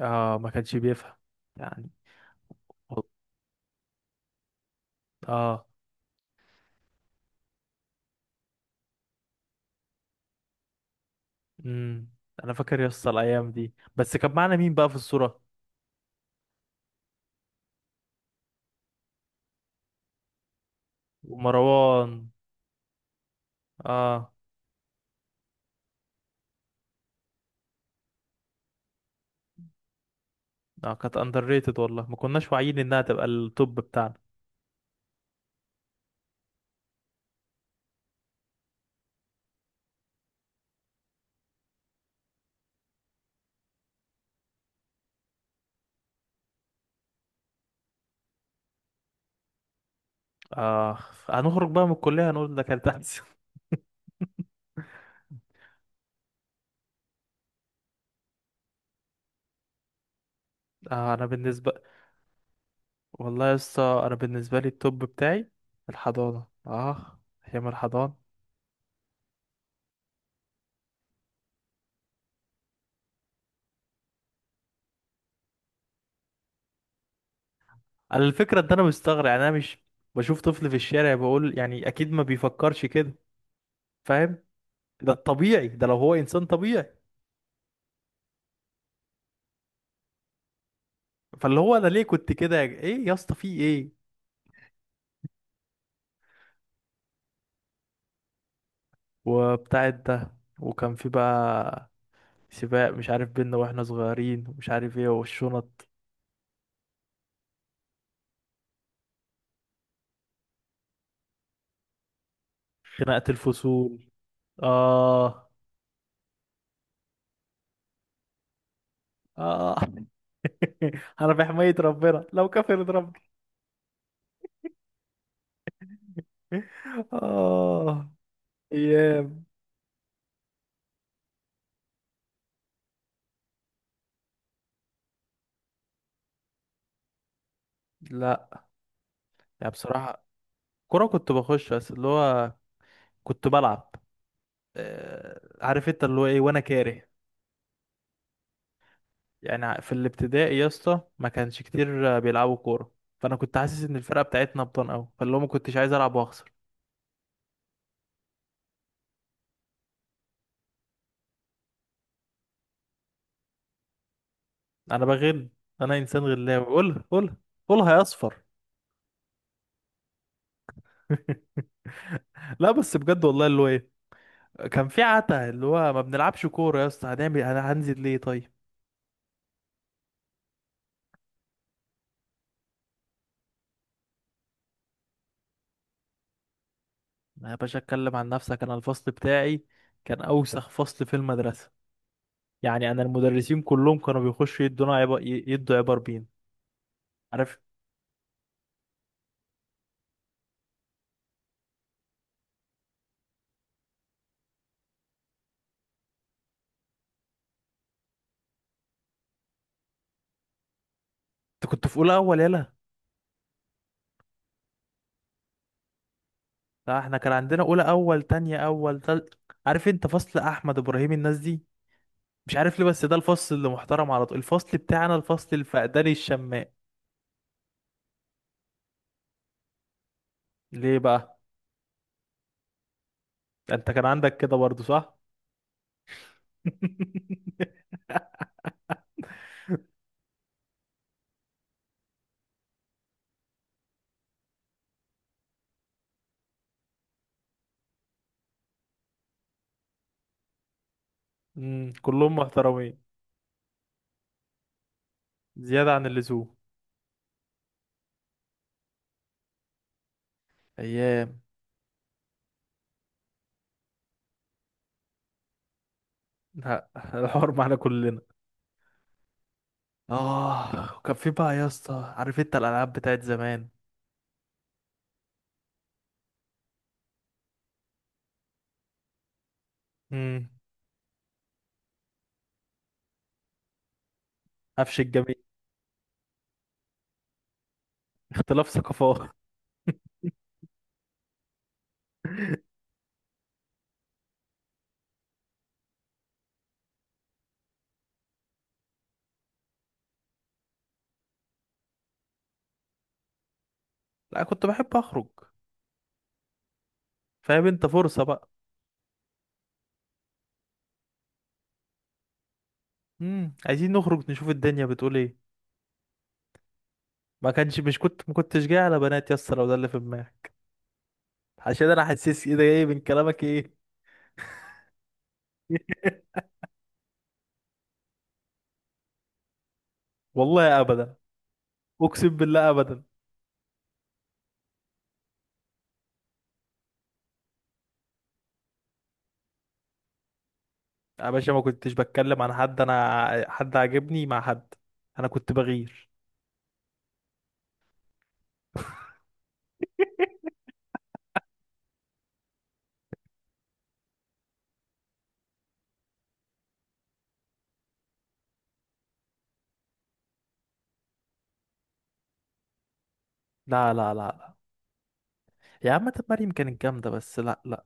اه، ما كانش بيفهم يعني. اه. امم. انا فاكر يسطا الايام دي، بس كان معانا مين بقى في الصورة؟ ومروان. اه. اه، كانت اندر ريتد والله، ما كناش واعيين انها تبقى التوب بتاعنا. اه. هنخرج بقى من الكلية هنقول ده كانت احسن. اه انا بالنسبة والله يسطا، انا بالنسبة لي التوب بتاعي الحضانة. اه ايام الحضانة. انا الفكرة ان انا مستغرب، يعني انا مش بشوف طفل في الشارع بقول يعني اكيد ما بيفكرش كده، فاهم؟ ده الطبيعي، ده لو هو انسان طبيعي. فاللي هو انا ليه كنت كده يا ايه يا اسطى؟ في ايه؟ وبتاع ده. وكان في بقى سباق مش عارف بينا واحنا صغيرين، ومش عارف ايه والشنط. خناقة الفصول. اه. اه. انا بحماية ربنا لو كفرت ربي. اه. ايام. لا. يعني بصراحة، كرة كنت بخش بس اللي هو كنت بلعب. عارف انت اللي هو ايه، وانا كاره يعني. في الابتدائي يا اسطى ما كانش كتير بيلعبوا كوره، فانا كنت حاسس ان الفرقه بتاعتنا ابطال قوي، فاللي هو ما كنتش عايز العب واخسر. انا بغل. انا انسان غلاوي. قول قول. قولها يا اصفر. لا بس بجد والله، اللي هو ايه. كان في عتا اللي هو ما بنلعبش كوره يا اسطى، هنعمل انا هنزل ليه طيب. يا باشا، اتكلم عن نفسك. انا الفصل بتاعي كان اوسخ فصل في المدرسه. يعني انا المدرسين كلهم كانوا بيخشوا يدونا عبر، يدوا عبر بين. عارف انت كنت في اولى اول يلا. لا، احنا كان عندنا اولى اول، تانية اول، تالت. عارف انت فصل احمد ابراهيم، الناس دي؟ مش عارف ليه بس ده الفصل اللي محترم على طول، الفصل بتاعنا الفصل الفقداني الشماء. ليه بقى؟ ده انت كان عندك كده برضو صح. امم، كلهم محترمين. زيادة عن اللزوم. ايام. لا، الحوار معانا كلنا. اه، وكان في بقى يا اسطى، عارف انت الالعاب بتاعت زمان. امم. قفش الجميل. اختلاف ثقافات. لا، كنت بحب اخرج. فاهم انت، فرصة بقى. عايزين نخرج نشوف الدنيا بتقول ايه. ما كنتش جاي على بنات يس، لو ده اللي في دماغك. عشان انا حاسس كده، ايه ده جاي من كلامك ايه؟ والله ابدا. اقسم بالله ابدا. يا باشا، ما كنتش بتكلم عن حد. انا حد عاجبني مع حد، انا كنت بغير. لا لا لا لا. يا عم طب مريم كانت جامده، بس لا لا.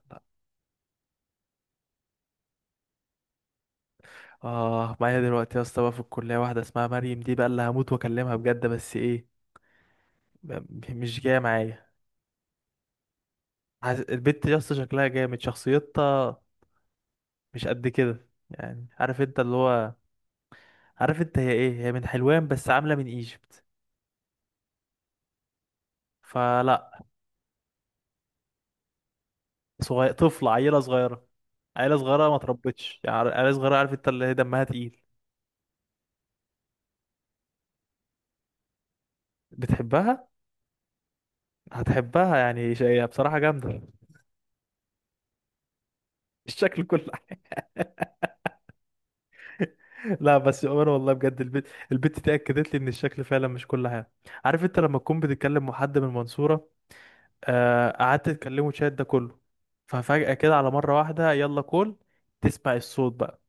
اه، معايا دلوقتي يا اسطى بقى في الكليه واحده اسمها مريم دي بقى، اللي هموت واكلمها بجد، بس ايه، م- مش جايه معايا. البت يا اسطى شكلها جامد، شخصيتها مش قد كده يعني، عارف انت اللي هو. عارف انت هي ايه، هي من حلوان بس عامله من ايجيبت. فلا. صغير، طفله، عيله صغيره. عيله صغيره ما تربتش يعني، عيله صغيره، عارف انت اللي هي دمها تقيل. بتحبها؟ هتحبها يعني، هي بصراحه جامده. الشكل كل حاجه. لا بس يا عمر والله بجد، البت دي اكدت لي ان الشكل فعلا مش كل حاجه. عارف انت لما تكون بتتكلم مع حد من المنصوره، قعدت تكلمه شات ده كله، ففجاه كده على مره واحده يلا، كل تسمع الصوت بقى،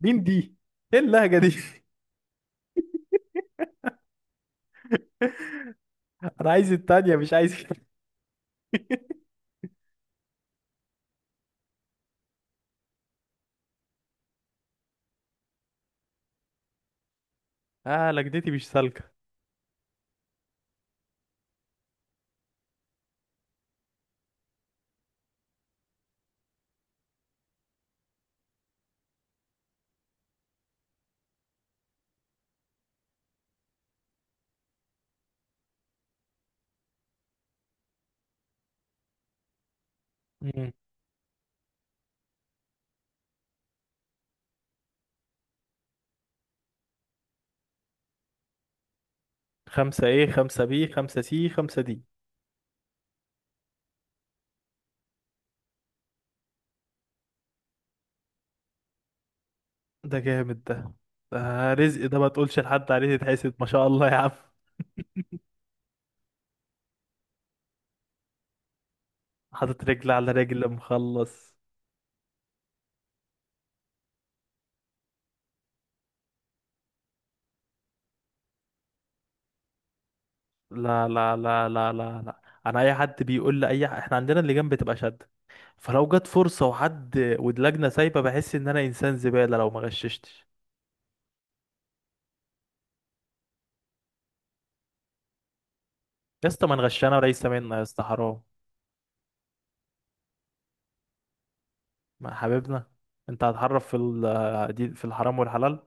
مين دي، ايه اللهجة دي؟ انا عايز التانية مش عايز كده. اه، لجدتي مش سالكة. مم. خمسة ايه، خمسة بي، خمسة سي، خمسة دي. ده جامد ده. ده رزق ده، ما تقولش لحد عليه يتحسد، ما شاء الله يا عم. حاطط رجل على رجل، مخلص. لا لا لا لا لا لا. انا اي حد بيقول لي اي احنا عندنا اللجان بتبقى شد، فلو جت فرصة وحد واللجنة سايبة بحس ان انا انسان زبالة لو ما غششتش. يا اسطى ما نغش انا، وليس منا يا اسطى حرام. ما حبيبنا. انت هتحرف في دي، في الحرام والحلال.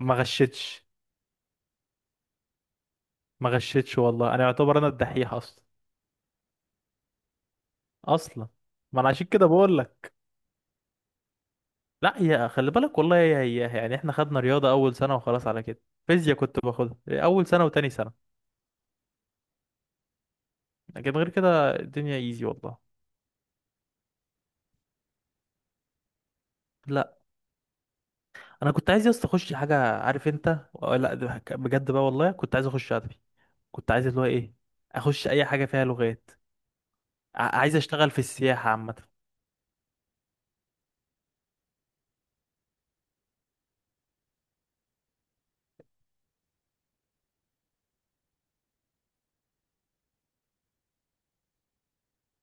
ما غشتش. ما غشتش والله، انا يعتبر انا الدحيح اصلا. اصلا. ما انا عشان كده بقول لك. لا، هي خلي بالك والله هي، هي يعني احنا خدنا رياضه اول سنه وخلاص على كده. فيزياء كنت باخدها اول سنه وتاني سنه. لكن غير كده الدنيا ايزي والله. لا، انا كنت عايز يا اسطى اخش حاجه، عارف انت، لا ده بجد بقى والله كنت عايز اخش ادبي. كنت عايز اللي هو ايه، اخش اي حاجه فيها لغات. عايز اشتغل في السياحه عامه.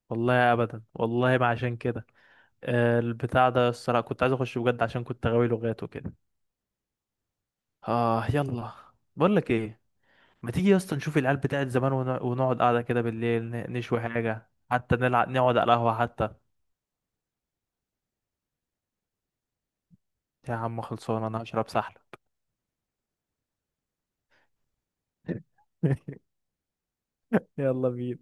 والله ابدا، والله ما عشان كده. البتاع ده الصراحه كنت عايز اخش بجد عشان كنت غاوي لغات وكده. اه يلا. بقول لك ايه، ما تيجي يا اسطى نشوف العيال بتاعت زمان ونقعد قاعده كده بالليل، نشوي حاجه حتى، نلعب، نقعد على القهوه حتى. يا عم خلصانه، انا هشرب سحله. يلا بينا.